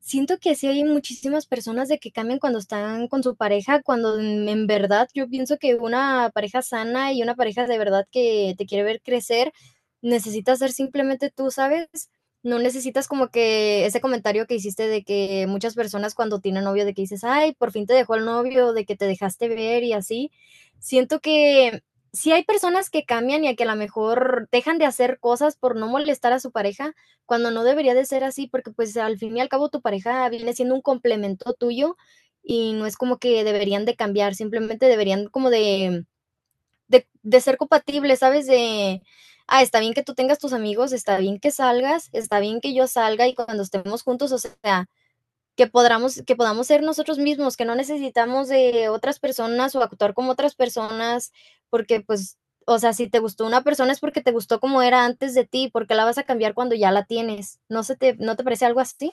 Siento que sí hay muchísimas personas de que cambian cuando están con su pareja, cuando en verdad yo pienso que una pareja sana y una pareja de verdad que te quiere ver crecer, necesitas ser simplemente tú, ¿sabes? No necesitas como que ese comentario que hiciste de que muchas personas cuando tienen novio, de que dices: "Ay, por fin te dejó el novio", de que te dejaste ver y así. Siento que sí hay personas que cambian y a que a lo mejor dejan de hacer cosas por no molestar a su pareja, cuando no debería de ser así, porque pues al fin y al cabo tu pareja viene siendo un complemento tuyo y no es como que deberían de cambiar, simplemente deberían como de, de ser compatibles, ¿sabes? De, ah, está bien que tú tengas tus amigos, está bien que salgas, está bien que yo salga y cuando estemos juntos, o sea, que podamos ser nosotros mismos, que no necesitamos de otras personas o actuar como otras personas, porque pues, o sea, si te gustó una persona es porque te gustó como era antes de ti, porque la vas a cambiar cuando ya la tienes. ¿No no te parece algo así?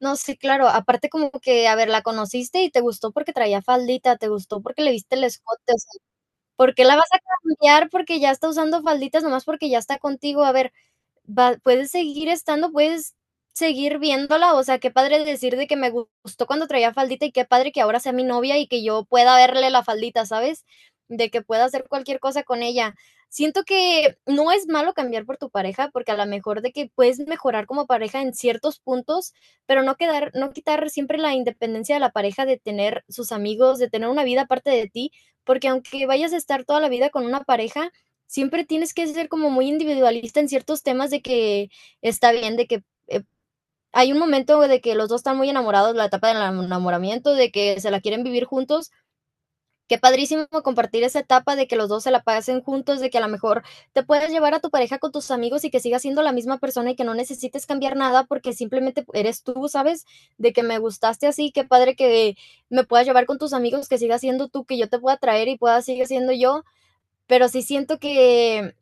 No, sí, claro. Aparte como que, a ver, la conociste y te gustó porque traía faldita, te gustó porque le viste el escote, o sea, ¿por qué la vas a cambiar porque ya está usando falditas nomás porque ya está contigo? A ver, va, puedes seguir estando, puedes seguir viéndola, o sea, qué padre decir de que me gustó cuando traía faldita y qué padre que ahora sea mi novia y que yo pueda verle la faldita, ¿sabes? De que pueda hacer cualquier cosa con ella. Siento que no es malo cambiar por tu pareja, porque a lo mejor de que puedes mejorar como pareja en ciertos puntos, pero no quitar siempre la independencia de la pareja de tener sus amigos, de tener una vida aparte de ti, porque aunque vayas a estar toda la vida con una pareja, siempre tienes que ser como muy individualista en ciertos temas de que está bien, de que hay un momento de que los dos están muy enamorados, la etapa del enamoramiento, de que se la quieren vivir juntos. Qué padrísimo compartir esa etapa de que los dos se la pasen juntos, de que a lo mejor te puedas llevar a tu pareja con tus amigos y que sigas siendo la misma persona y que no necesites cambiar nada porque simplemente eres tú, ¿sabes? De que me gustaste así, qué padre que me puedas llevar con tus amigos, que sigas siendo tú, que yo te pueda traer y pueda seguir siendo yo. Pero sí siento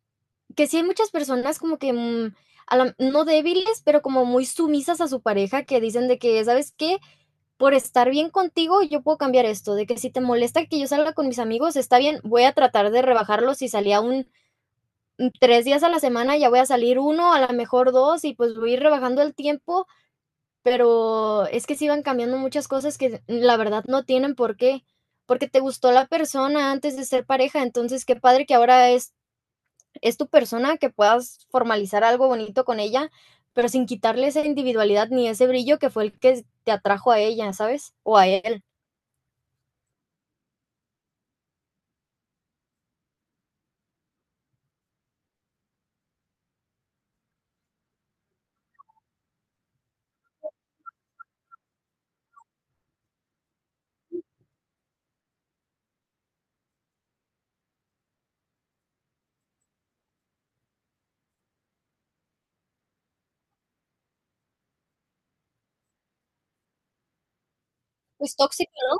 que sí hay muchas personas como que, a la- no débiles, pero como muy sumisas a su pareja, que dicen de que, ¿sabes qué? Por estar bien contigo, yo puedo cambiar esto, de que si te molesta que yo salga con mis amigos, está bien, voy a tratar de rebajarlo. Si salía 3 días a la semana, ya voy a salir uno, a lo mejor dos, y pues voy a ir rebajando el tiempo, pero es que sí van cambiando muchas cosas que la verdad no tienen por qué, porque te gustó la persona antes de ser pareja, entonces qué padre que ahora es tu persona, que puedas formalizar algo bonito con ella, pero sin quitarle esa individualidad ni ese brillo que fue el que te atrajo a ella, ¿sabes? O a él. Pues tóxico, ¿no?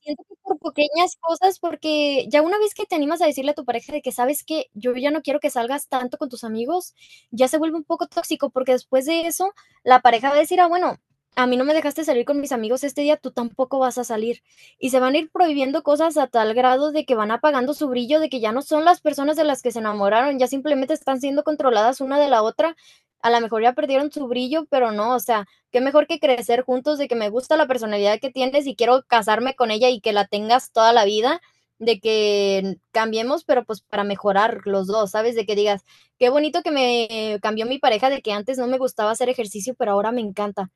Siento que por pequeñas cosas, porque ya una vez que te animas a decirle a tu pareja de que: "¿Sabes que Yo ya no quiero que salgas tanto con tus amigos", ya se vuelve un poco tóxico, porque después de eso, la pareja va a decir: "Ah, bueno, a mí no me dejaste salir con mis amigos este día, tú tampoco vas a salir". Y se van a ir prohibiendo cosas a tal grado de que van apagando su brillo, de que ya no son las personas de las que se enamoraron, ya simplemente están siendo controladas una de la otra. A la mejor ya perdieron su brillo, pero no, o sea, qué mejor que crecer juntos, de que me gusta la personalidad que tienes y quiero casarme con ella y que la tengas toda la vida, de que cambiemos, pero pues para mejorar los dos, ¿sabes? De que digas, qué bonito que me cambió mi pareja, de que antes no me gustaba hacer ejercicio, pero ahora me encanta.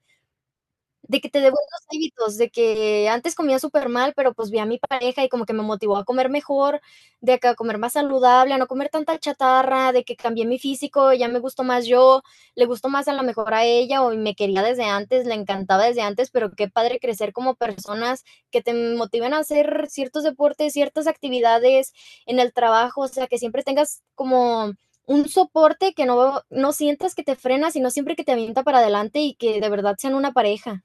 De que te devuelvas hábitos, de que antes comía súper mal, pero pues vi a mi pareja y como que me motivó a comer mejor, de que a comer más saludable, a no comer tanta chatarra, de que cambié mi físico, ya me gustó más yo, le gustó más a lo mejor a ella o me quería desde antes, le encantaba desde antes, pero qué padre crecer como personas que te motiven a hacer ciertos deportes, ciertas actividades en el trabajo, o sea, que siempre tengas como un soporte que no, no sientas que te frena, sino siempre que te avienta para adelante y que de verdad sean una pareja.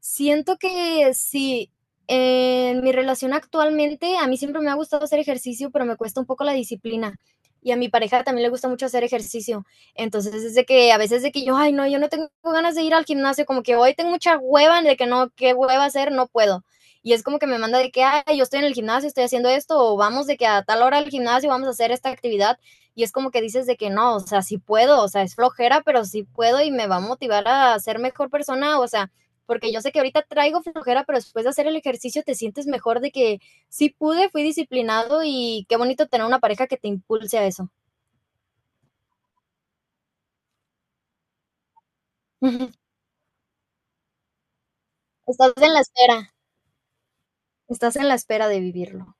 Siento que sí, en mi relación actualmente, a mí siempre me ha gustado hacer ejercicio, pero me cuesta un poco la disciplina. Y a mi pareja también le gusta mucho hacer ejercicio. Entonces es de que a veces de que yo, ay, no, yo no tengo ganas de ir al gimnasio, como que hoy tengo mucha hueva, de que no, qué hueva hacer, no puedo. Y es como que me manda de que, ay, yo estoy en el gimnasio, estoy haciendo esto, o vamos de que a tal hora al gimnasio vamos a hacer esta actividad. Y es como que dices de que no, o sea, sí puedo, o sea, es flojera, pero sí puedo y me va a motivar a ser mejor persona, o sea, porque yo sé que ahorita traigo flojera, pero después de hacer el ejercicio te sientes mejor de que sí pude, fui disciplinado y qué bonito tener una pareja que te impulse a eso. Estás en la espera, estás en la espera de vivirlo.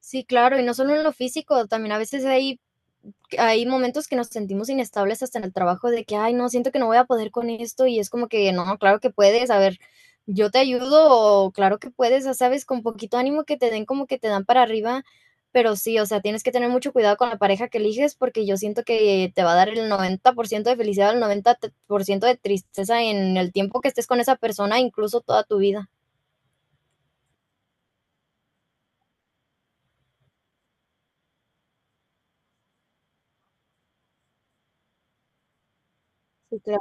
Sí, claro, y no solo en lo físico, también a veces hay momentos que nos sentimos inestables hasta en el trabajo de que, ay, no, siento que no voy a poder con esto y es como que, no, claro que puedes, a ver, yo te ayudo o claro que puedes, ya sabes, con poquito ánimo que te den como que te dan para arriba, pero sí, o sea, tienes que tener mucho cuidado con la pareja que eliges porque yo siento que te va a dar el 90% de felicidad, el 90% de tristeza en el tiempo que estés con esa persona, incluso toda tu vida. Sí, claro.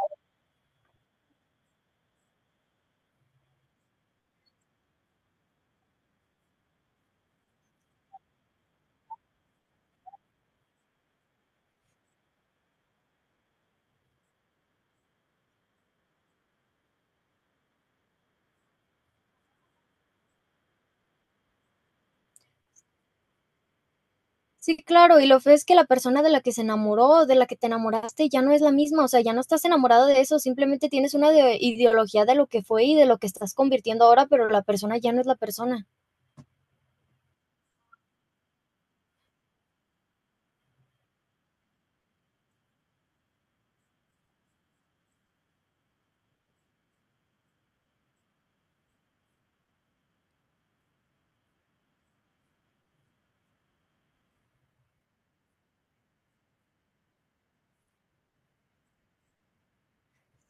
Sí, claro, y lo feo es que la persona de la que se enamoró, de la que te enamoraste, ya no es la misma, o sea, ya no estás enamorado de eso, simplemente tienes una de- ideología de lo que fue y de lo que estás convirtiendo ahora, pero la persona ya no es la persona.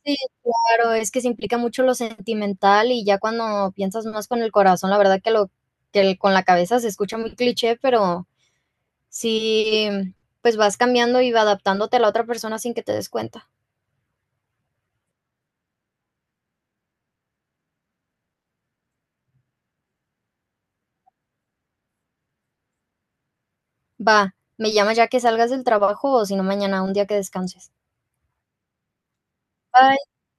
Sí, claro, es que se implica mucho lo sentimental y ya cuando piensas más con el corazón, la verdad que lo que el- con la cabeza se escucha muy cliché, pero sí, pues vas cambiando y va adaptándote a la otra persona sin que te des cuenta. Va, me llamas ya que salgas del trabajo o si no mañana, un día que descanses. Bye.